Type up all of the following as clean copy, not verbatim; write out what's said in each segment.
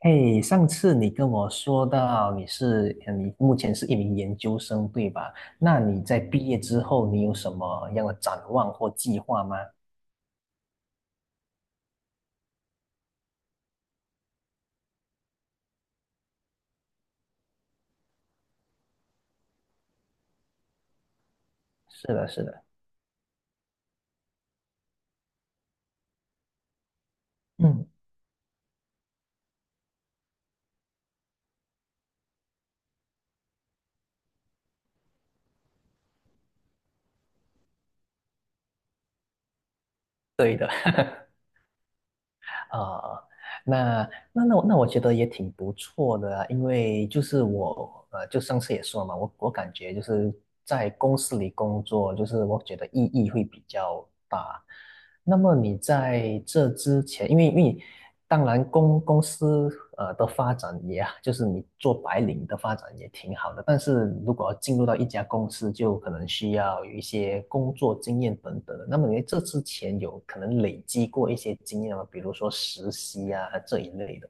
嘿，上次你跟我说到你是，你目前是一名研究生，对吧？那你在毕业之后，你有什么样的展望或计划吗？是的，是的。嗯，啊，那那我觉得也挺不错的啊，因为就是我,就上次也说了嘛，我感觉就是在公司里工作，就是我觉得意义会比较大。那么你在这之前，因为当然公司的发展也，就是你做白领的发展也挺好的，但是如果要进入到一家公司，就可能需要有一些工作经验等等的。那么你在这之前有可能累积过一些经验吗？比如说实习啊这一类的。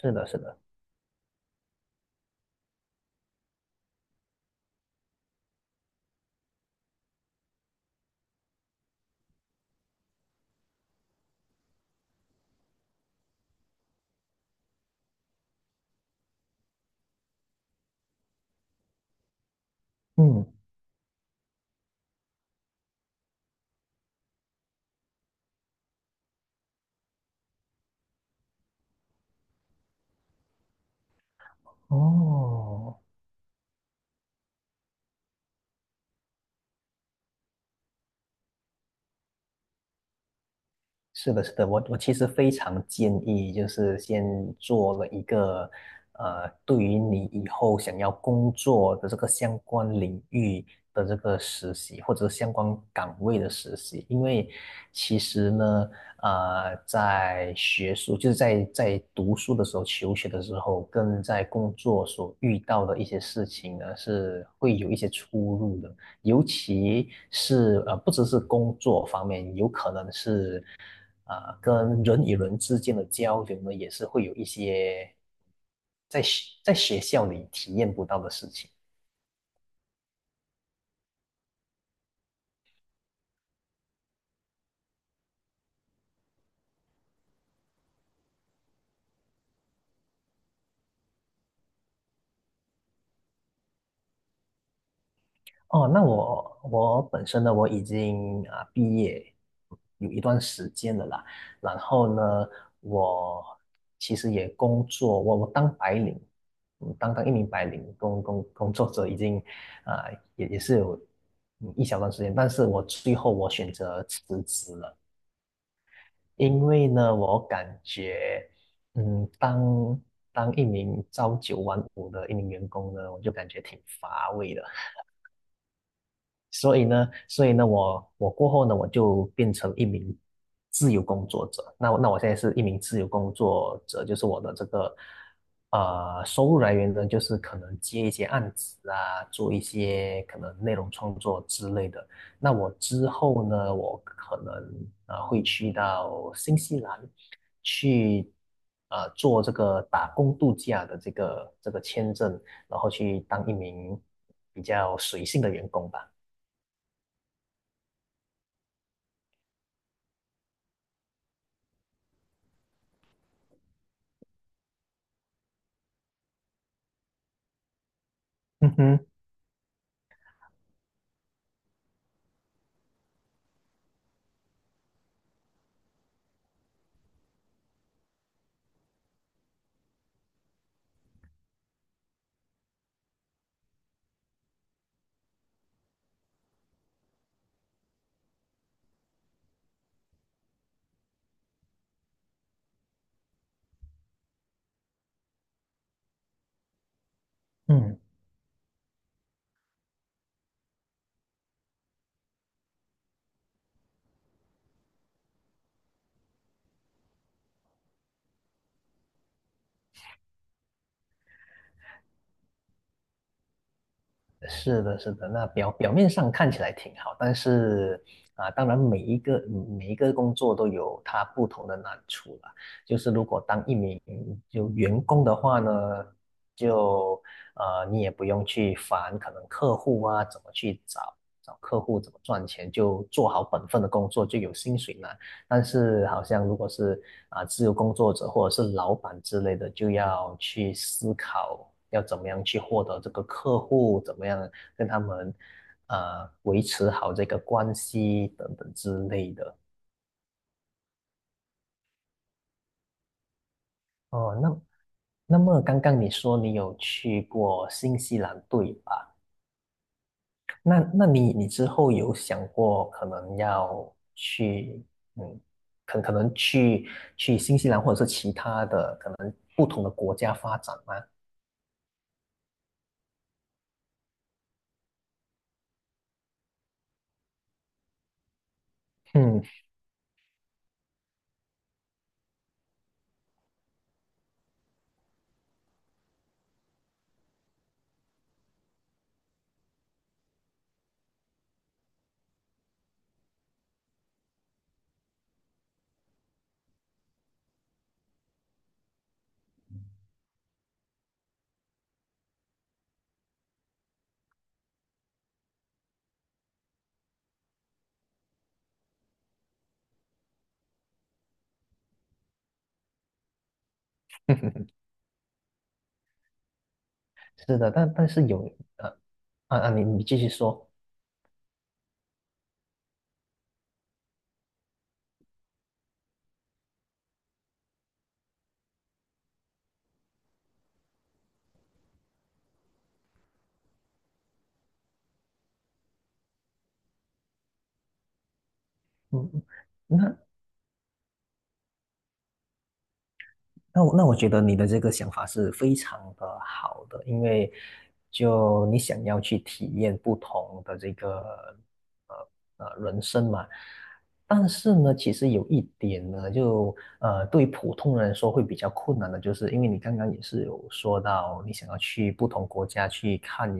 是的，是的。嗯，哦。是的，是的，我我其实非常建议，就是先做了一个，对于你以后想要工作的这个相关领域的这个实习，或者相关岗位的实习。因为其实呢，在学术，就是在在读书的时候、求学的时候，跟在工作所遇到的一些事情呢，是会有一些出入的。尤其是,不只是工作方面，有可能是跟人与人之间的交流呢，也是会有一些在在学校里体验不到的事情。哦，那我我本身呢，我已经毕业有一段时间了啦。然后呢，我其实也工作，我我当白领，嗯，当一名白领工作者已经啊、也也是有嗯一小段时间，但是我最后我选择辞职了。因为呢，我感觉，嗯，当一名朝九晚五的一名员工呢，我就感觉挺乏味的。所以呢，所以呢，我我过后呢，我就变成一名自由工作者。那我现在是一名自由工作者，就是我的这个收入来源呢，就是可能接一些案子啊，做一些可能内容创作之类的。那我之后呢，我可能啊会去到新西兰去做这个打工度假的这个签证，然后去当一名比较随性的员工吧。嗯哼。嗯，是的，是的。那表面上看起来挺好，但是啊，当然每一个工作都有它不同的难处啦。就是如果当一名就员工的话呢，就你也不用去烦可能客户啊，怎么去找客户，怎么赚钱，就做好本分的工作就有薪水拿。但是好像如果是自由工作者或者是老板之类的，就要去思考要怎么样去获得这个客户，怎么样跟他们维持好这个关系等等之类的。哦，那那么刚刚你说你有去过新西兰，对吧？那那你之后有想过可能要去，嗯，可可能去去新西兰或者是其他的可能不同的国家发展吗？嗯，是的，但是有呃啊啊，你你继续说。嗯，嗯，那那我觉得你的这个想法是非常的好的，因为就你想要去体验不同的这个人生嘛。但是呢，其实有一点呢，对于普通人来说会比较困难的，就是因为你刚刚也是有说到，你想要去不同国家去看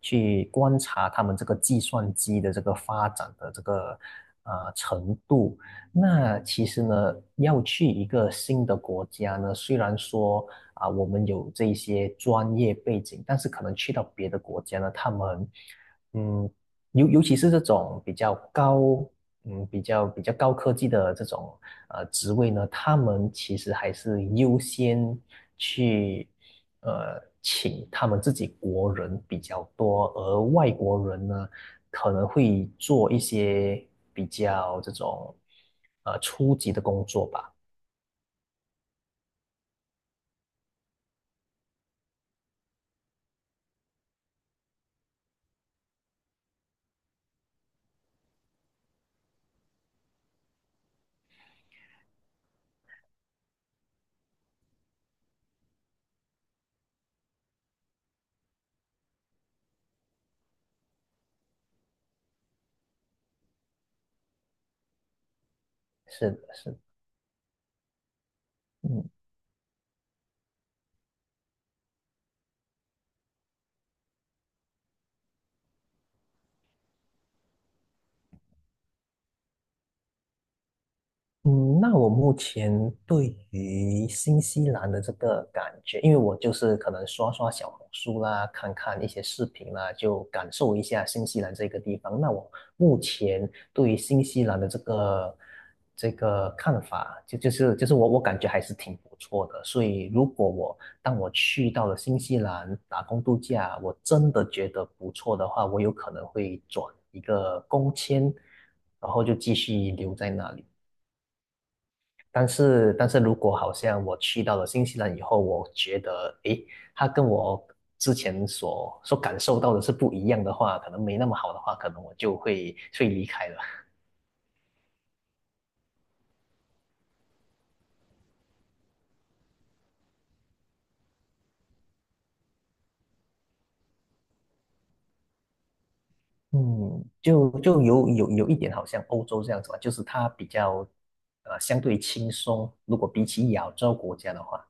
去观察他们这个计算机的这个发展的这个程度。那其实呢，要去一个新的国家呢，虽然说啊，我们有这一些专业背景，但是可能去到别的国家呢，他们，嗯，尤其是这种比较高，嗯，比较高科技的这种职位呢，他们其实还是优先去请他们自己国人比较多，而外国人呢，可能会做一些比较这种初级的工作吧。是的，是的。嗯，嗯，那我目前对于新西兰的这个感觉，因为我就是可能刷刷小红书啦，看看一些视频啦，就感受一下新西兰这个地方。那我目前对于新西兰的这个看法，就是我我感觉还是挺不错的。所以如果我当我去到了新西兰打工度假，我真的觉得不错的话，我有可能会转一个工签，然后就继续留在那里。但是，但是如果好像我去到了新西兰以后，我觉得，诶，它跟我之前所感受到的是不一样的话，可能没那么好的话，可能我就会离开了。嗯，就有一点好像欧洲这样子吧，就是它比较相对轻松，如果比起亚洲国家的话。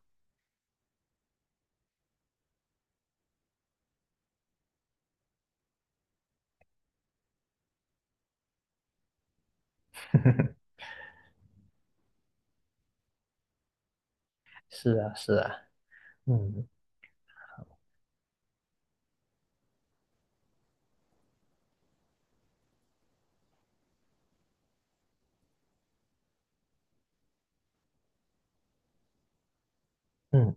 是啊是啊。嗯嗯，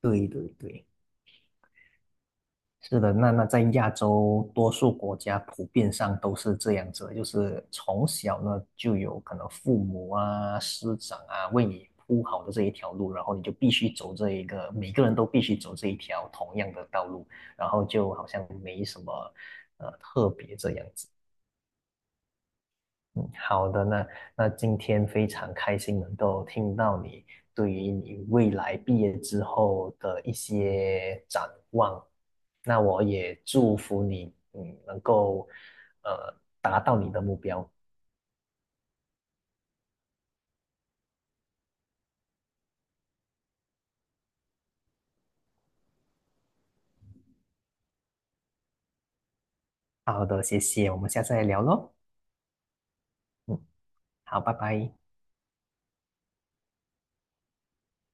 对对对。是的，那那在亚洲多数国家普遍上都是这样子的，就是从小呢就有可能父母啊、师长啊为你铺好的这一条路，然后你就必须走这一个，每个人都必须走这一条同样的道路，然后就好像没什么。嗯，好的，那那今天非常开心能够听到你对于你未来毕业之后的一些展望。那我也祝福你，嗯，能够呃达到你的目标。好的，谢谢，我们下次再聊喽。嗯，好，拜拜。